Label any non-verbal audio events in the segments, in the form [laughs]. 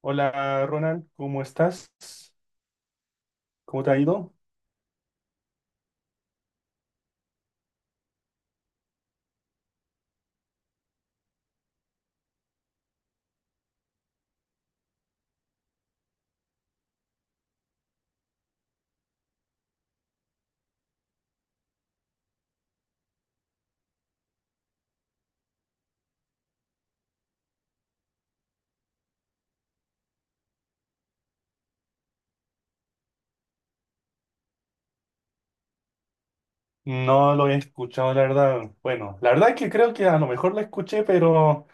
Hola Ronald, ¿cómo estás? ¿Cómo te ha ido? No lo he escuchado, la verdad. Bueno, la verdad es que creo que a lo mejor la escuché, pero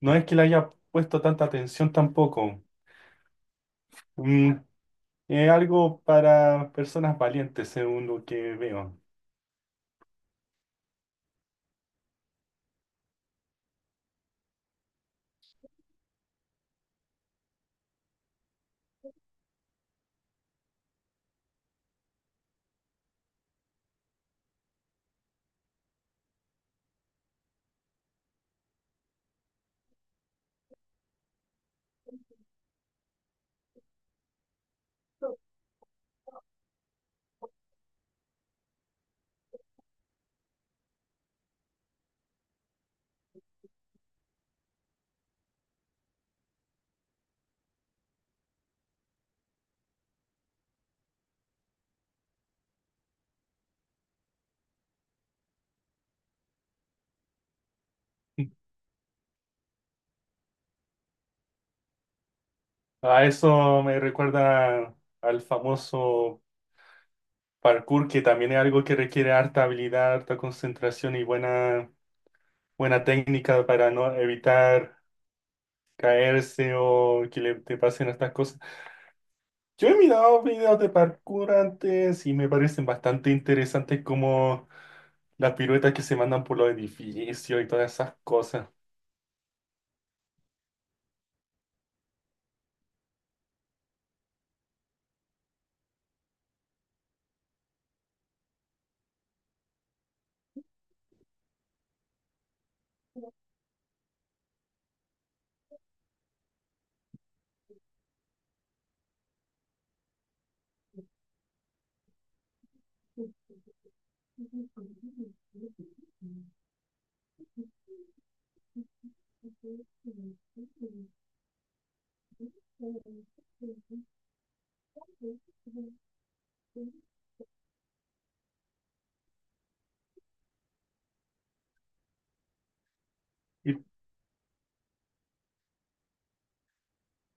no es que le haya puesto tanta atención tampoco. Mm, es algo para personas valientes, según lo que veo. A eso me recuerda al famoso parkour, que también es algo que requiere harta habilidad, harta concentración y buena técnica para no evitar caerse o que le te pasen estas cosas. Yo he mirado videos de parkour antes y me parecen bastante interesantes como las piruetas que se mandan por los edificios y todas esas cosas. Y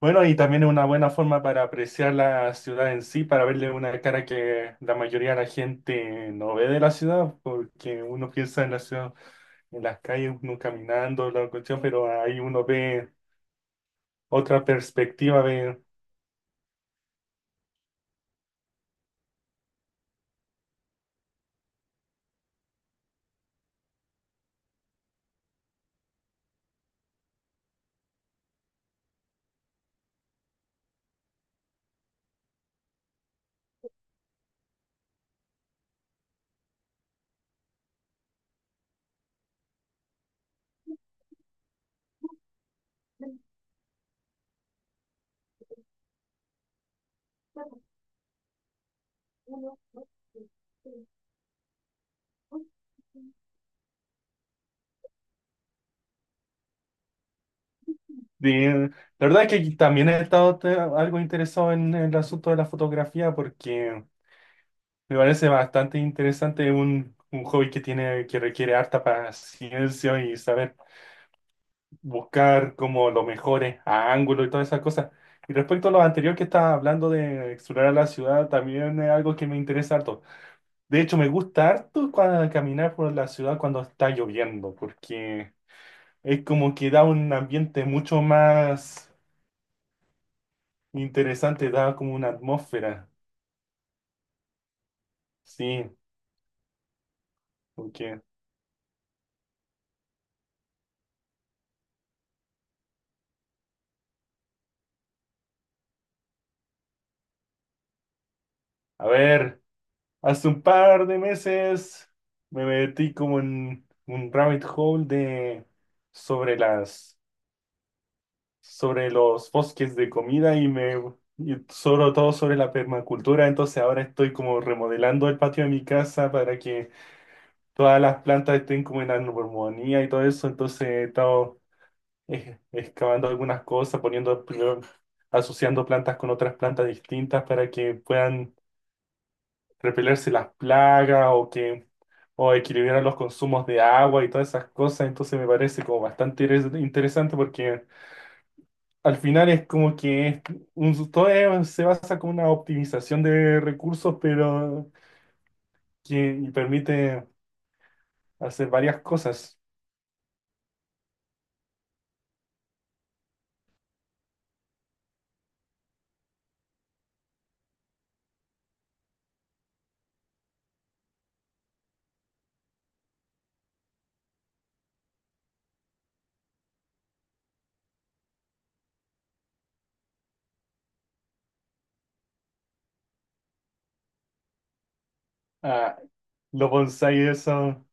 bueno, y también es una buena forma para apreciar la ciudad en sí, para verle una cara que la mayoría de la gente no ve de la ciudad, porque uno piensa en la ciudad, en las calles, uno caminando, la cuestión, pero ahí uno ve otra perspectiva, ve. Sí, la verdad es que también he estado algo interesado en el asunto de la fotografía porque me parece bastante interesante un hobby que tiene, que requiere harta paciencia y saber buscar como los mejores ángulos y todas esas cosas. Y respecto a lo anterior que estaba hablando de explorar la ciudad, también es algo que me interesa harto. De hecho, me gusta harto cuando caminar por la ciudad cuando está lloviendo porque es como que da un ambiente mucho más interesante, da como una atmósfera. Sí, porque, a ver, hace un par de meses me metí como en un rabbit hole de sobre las sobre los bosques de comida y sobre todo sobre la permacultura. Entonces ahora estoy como remodelando el patio de mi casa para que todas las plantas estén como en armonía y todo eso. Entonces he estado excavando algunas cosas, poniendo, primero, asociando plantas con otras plantas distintas para que puedan repelerse las plagas o equilibrar los consumos de agua y todas esas cosas. Entonces me parece como bastante interesante porque al final es como que es un, todo se basa como una optimización de recursos, pero que permite hacer varias cosas. Ah, los bonsai, eso.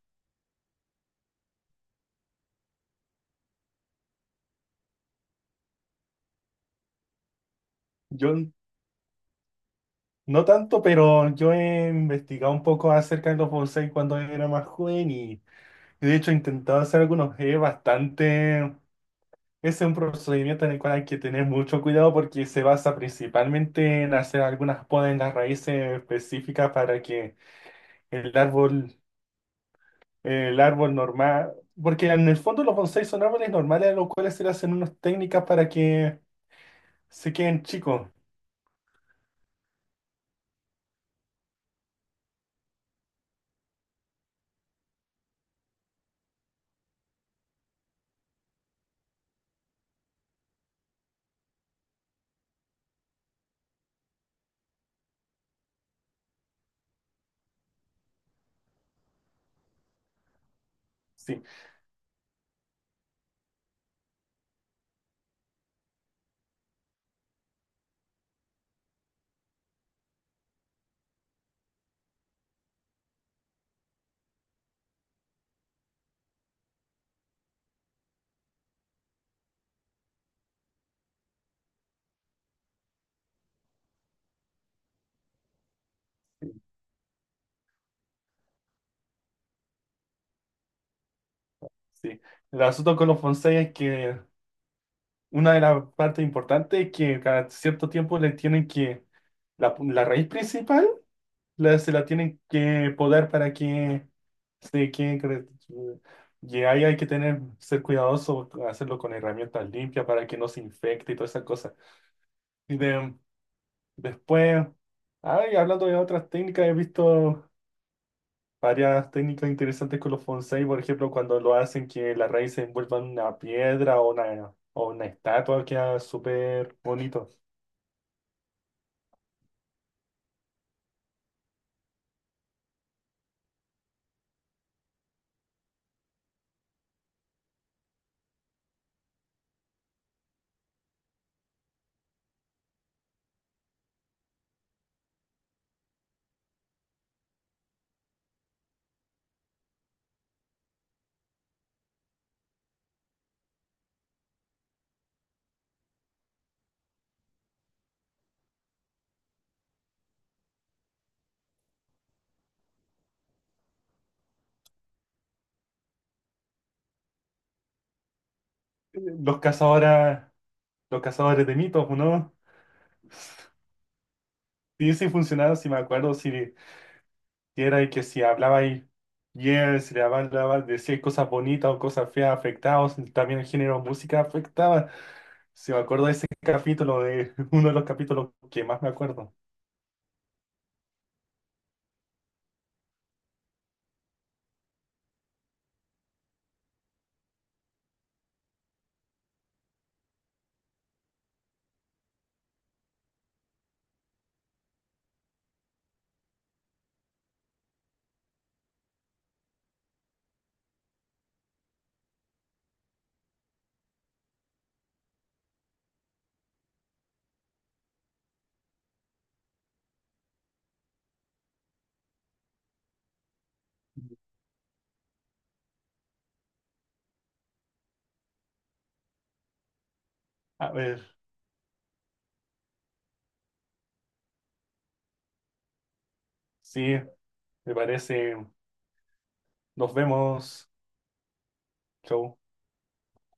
Yo no tanto, pero yo he investigado un poco acerca de los bonsai cuando era más joven y de hecho he intentado hacer algunos. Es bastante, ese es un procedimiento en el cual hay que tener mucho cuidado porque se basa principalmente en hacer algunas podas en las raíces específicas para que el árbol, el árbol normal, porque en el fondo los bonsai son árboles normales a los cuales se le hacen unas técnicas para que se queden chicos. Sí, sí. El asunto con los bonsai es que una de las partes importantes es que cada cierto tiempo le tienen que, la raíz principal la, se la tienen que podar para que se quede. Y ahí hay que tener, ser cuidadoso, hacerlo con herramientas limpias para que no se infecte y todas esas cosas. Y después, ay, hablando de otras técnicas, he visto varias técnicas interesantes con los fonsei, por ejemplo, cuando lo hacen que la raíz se envuelva en una piedra o una estatua, queda súper bonito. Los cazadores, los cazadores de mitos, ¿no? Sí, sí funcionaba, si me acuerdo, si era que si hablabais bien, si le hablabas, decías cosas bonitas o cosas feas, afectados, también el género de música afectaba. Si me acuerdo de ese capítulo, de [laughs] uno de los capítulos que más me acuerdo. A ver, sí, me parece. Nos vemos. Chau.